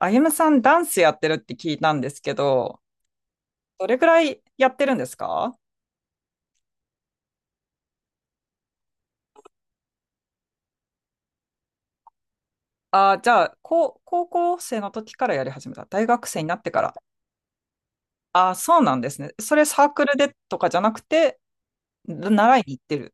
あゆむさん、ダンスやってるって聞いたんですけど、どれくらいやってるんですか？じゃあ、高校生の時からやり始めた。大学生になってから。そうなんですね。それサークルでとかじゃなくて、習いに行ってる。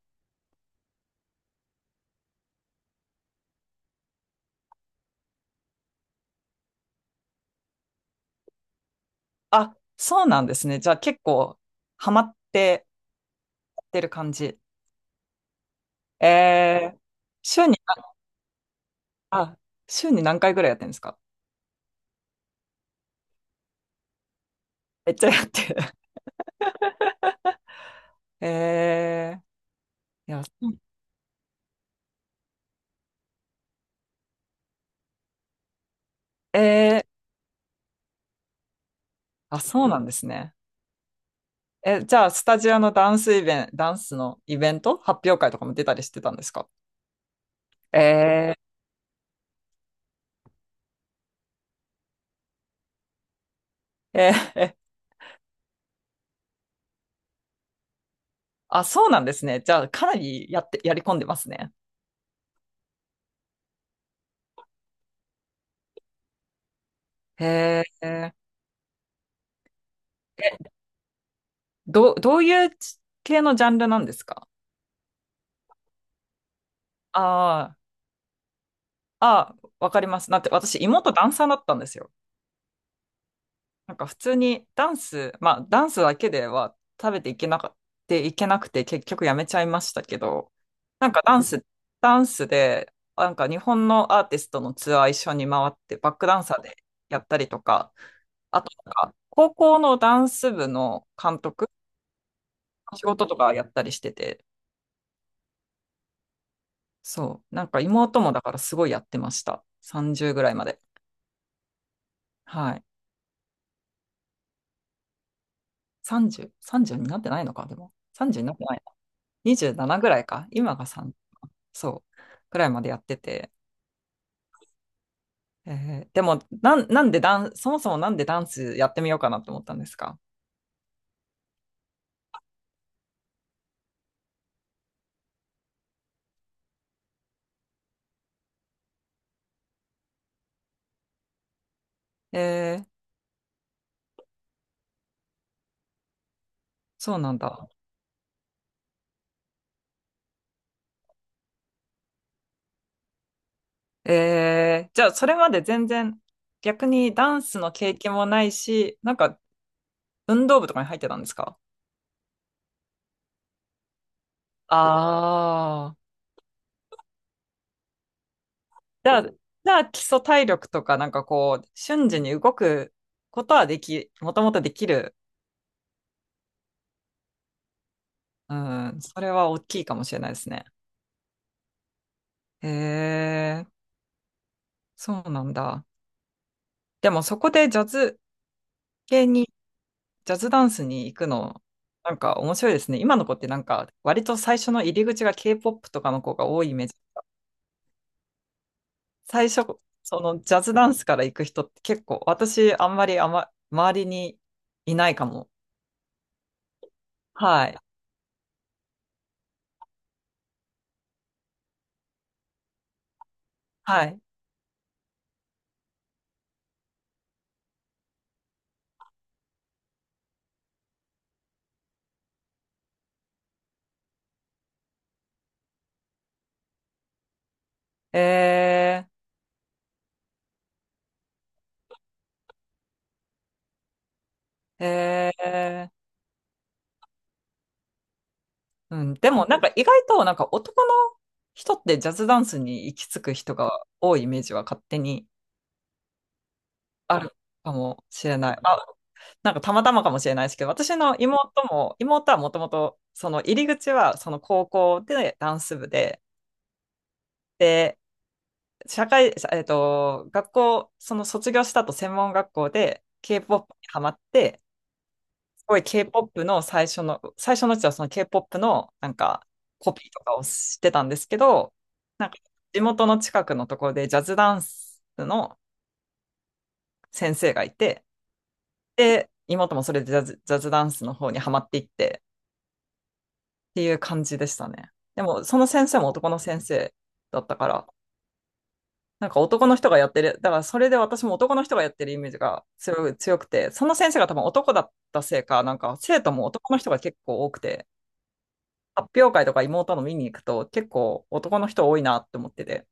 あ、そうなんですね。じゃあ、結構、ハマってやってる感じ。えー、週に、あ、週に何回ぐらいやってるんですか？めっちゃやってる。えいや、えー、あ、そうなんですね。じゃあ、スタジオのダンスイベント、ダンスのイベント発表会とかも出たりしてたんですか？えー、えー、あ、そうなんですね。じゃあ、かなりやって、やり込んでますね。へえ。どういう系のジャンルなんですか？ああー。あー、わかります。だって、私、妹ダンサーだったんですよ。なんか普通にダンス、まあダンスだけでは食べていけなかっていけなくて結局やめちゃいましたけど、なんかダンス、ダンスで、なんか日本のアーティストのツアー一緒に回ってバックダンサーでやったりとか、あとなんか高校のダンス部の監督の仕事とかやったりしてて、そう、なんか妹もだからすごいやってました。30ぐらいまで。はい。30、30になってないのか、でも。30になってないな。27ぐらいか。今が30、そう、くらいまでやってて。えでもなんでダン、そもそもなんでダンスやってみようかなって思ったんですか？えーそうなんだ。じゃあそれまで全然逆にダンスの経験もないし、なんか運動部とかに入ってたんですか？ああ。じゃあ基礎体力とかなんかこう、瞬時に動くことはでき、もともとできる。うん、それは大きいかもしれないですね。へえ、そうなんだ。でもそこで系にジャズダンスに行くの、なんか面白いですね。今の子ってなんか割と最初の入り口が K-POP とかの子が多いイメージ。最初、そのジャズダンスから行く人って結構、私あんまり周りにいないかも。はい。はい。えー、えー、うん。でもなんか意外となんか男の人ってジャズダンスに行き着く人が多いイメージは勝手にあるかもしれない。あ、なんかたまたまかもしれないですけど、私の妹も、妹はもともと、その入り口はその高校でダンス部で、で、その卒業した後専門学校で K-POP にハマって、すごい K-POP の最初のうちはその K-POP のなんかコピーとかをしてたんですけど、なんか地元の近くのところでジャズダンスの先生がいて、で、妹もそれでジャズダンスの方にハマっていって、っていう感じでしたね。でも、その先生も男の先生だったから、なんか男の人がやってる、だからそれで私も男の人がやってるイメージが強くて、その先生が多分男だったせいか、なんか生徒も男の人が結構多くて、発表会とか妹の見に行くと結構男の人多いなって思ってて。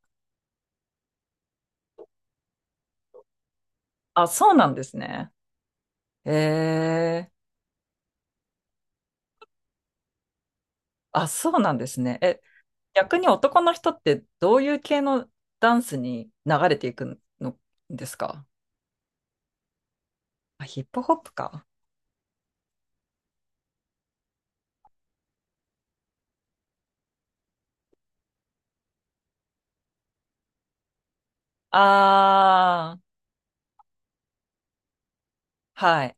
あ、そうなんですね。えー、あ、そうなんですね。逆に男の人ってどういう系のダンスに流れていくのですか？あ、ヒップホップか。ああ、はい。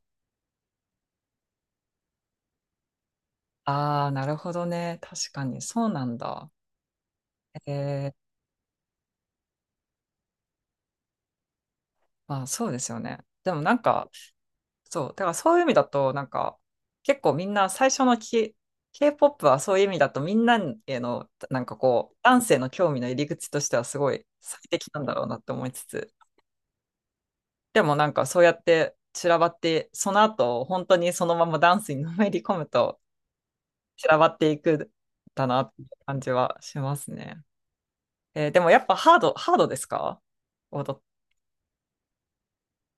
ああ、なるほどね。確かに、そうなんだ。ええ、まあ、そうですよね。でもなんか、そう、だからそういう意味だと、なんか、結構みんな最初のK-POP はそういう意味だと、みんなへの、なんかこう、男性の興味の入り口としてはすごい最適なんだろうなって思いつつ、でもなんかそうやって散らばって、その後、本当にそのままダンスにのめり込むと散らばっていくんだなっていう感じはしますね。でもやっぱハードですか？踊っ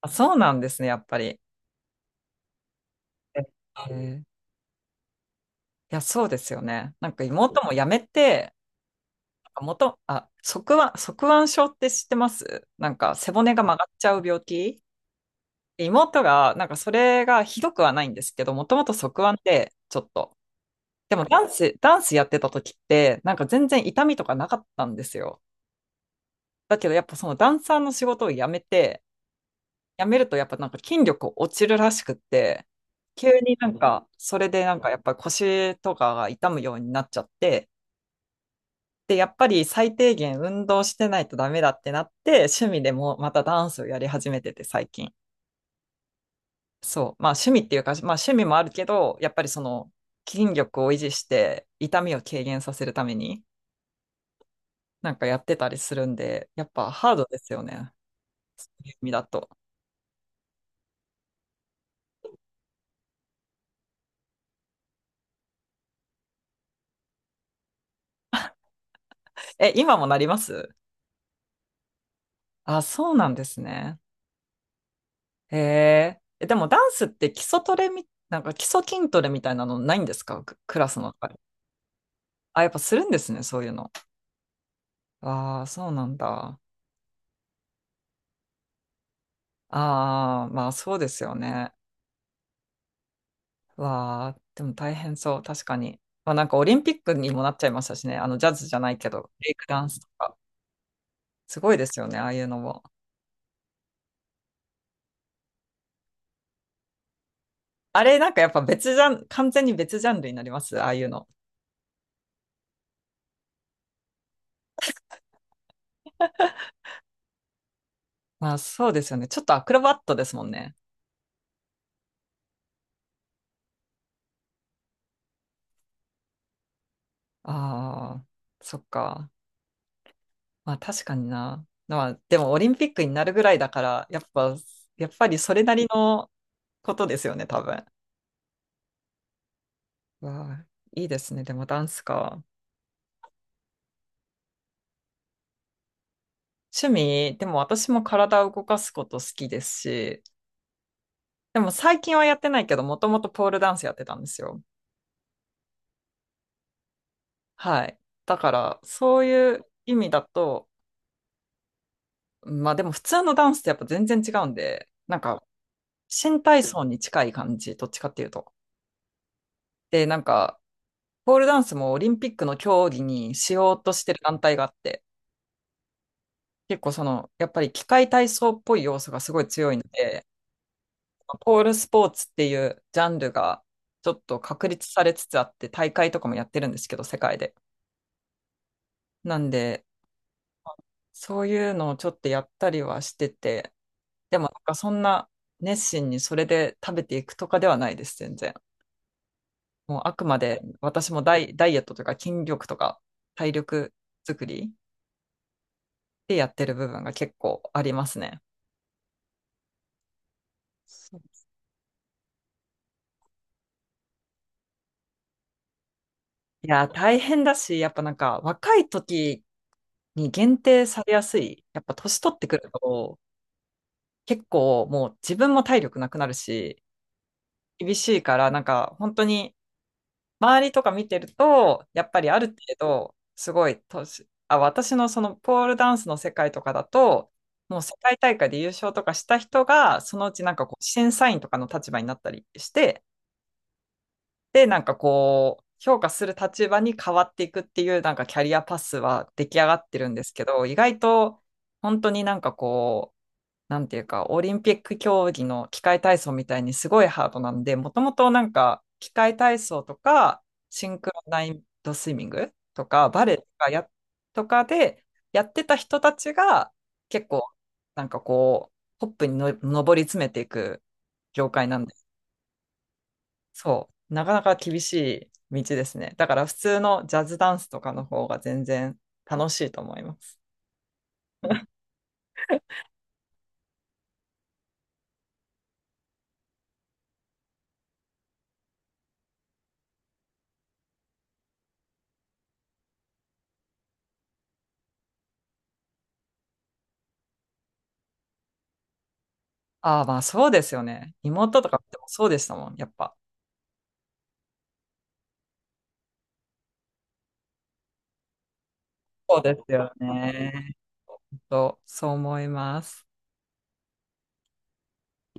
あ、そうなんですね、やっぱり。えーいや、そうですよね。なんか妹もやめて、あ、側腕症って知ってます？なんか背骨が曲がっちゃう病気？妹が、なんかそれがひどくはないんですけど、もともと側腕で、ちょっと。でもダンスやってた時って、なんか全然痛みとかなかったんですよ。だけどやっぱそのダンサーの仕事を辞めて、やめるとやっぱなんか筋力落ちるらしくって、急になんか、それでなんかやっぱ腰とかが痛むようになっちゃって、で、やっぱり最低限運動してないとダメだってなって、趣味でもまたダンスをやり始めてて最近。そう。まあ趣味っていうか、まあ趣味もあるけど、やっぱりその筋力を維持して痛みを軽減させるために、なんかやってたりするんで、やっぱハードですよね。趣味だと。え、今もなります？あ、そうなんですね。へえ。でもダンスって基礎トレみ、なんか基礎筋トレみたいなのないんですか？クラスの中で。あ、やっぱするんですね、そういうの。ああ、そうなんだ。ああ、まあそうですよね。わあ、でも大変そう、確かに。まあなんかオリンピックにもなっちゃいましたしね、あのジャズじゃないけど、ブレイクダンスとか。すごいですよね、ああいうのも。あれ、なんかやっぱ別ジャン、完全に別ジャンルになります、ああいうの。まあそうですよね。ちょっとアクロバットですもんね。ああ、そっか。まあ確かにな。まあでもオリンピックになるぐらいだから、やっぱりそれなりのことですよね、多分。わあ、いいですね。でもダンスか。趣味、でも私も体を動かすこと好きですし、でも最近はやってないけど、もともとポールダンスやってたんですよ。はい。だから、そういう意味だと、まあでも普通のダンスってやっぱ全然違うんで、なんか、新体操に近い感じ、どっちかっていうと。で、なんか、ポールダンスもオリンピックの競技にしようとしてる団体があって、結構その、やっぱり器械体操っぽい要素がすごい強いので、ポールスポーツっていうジャンルがちょっと確立されつつあって、大会とかもやってるんですけど、世界で。なんで、そういうのをちょっとやったりはしてて、でもなんかそんな熱心にそれで食べていくとかではないです、全然。もうあくまで私もダイエットというか筋力とか体力作りでやってる部分が結構ありますね。そういや、大変だし、やっぱなんか若い時に限定されやすい。やっぱ年取ってくると、結構もう自分も体力なくなるし、厳しいから、なんか本当に周りとか見てると、やっぱりある程度、すごい年、あ、私のそのポールダンスの世界とかだと、もう世界大会で優勝とかした人が、そのうちなんかこう審査員とかの立場になったりして、で、なんかこう、評価する立場に変わっていくっていう、なんかキャリアパスは出来上がってるんですけど、意外と、本当になんかこう、なんていうか、オリンピック競技の器械体操みたいにすごいハードなんで、もともとなんか、器械体操とか、シンクロナイトスイミングとか、バレエとかとかで、やってた人たちが、結構、なんかこう、トップにの上り詰めていく業界なんです。そう、なかなか厳しい道ですね。だから普通のジャズダンスとかの方が全然楽しいと思います。ああ、まあそうですよね。妹とかでもそうでしたもん、やっぱ。そうですよね。そう、そう思います。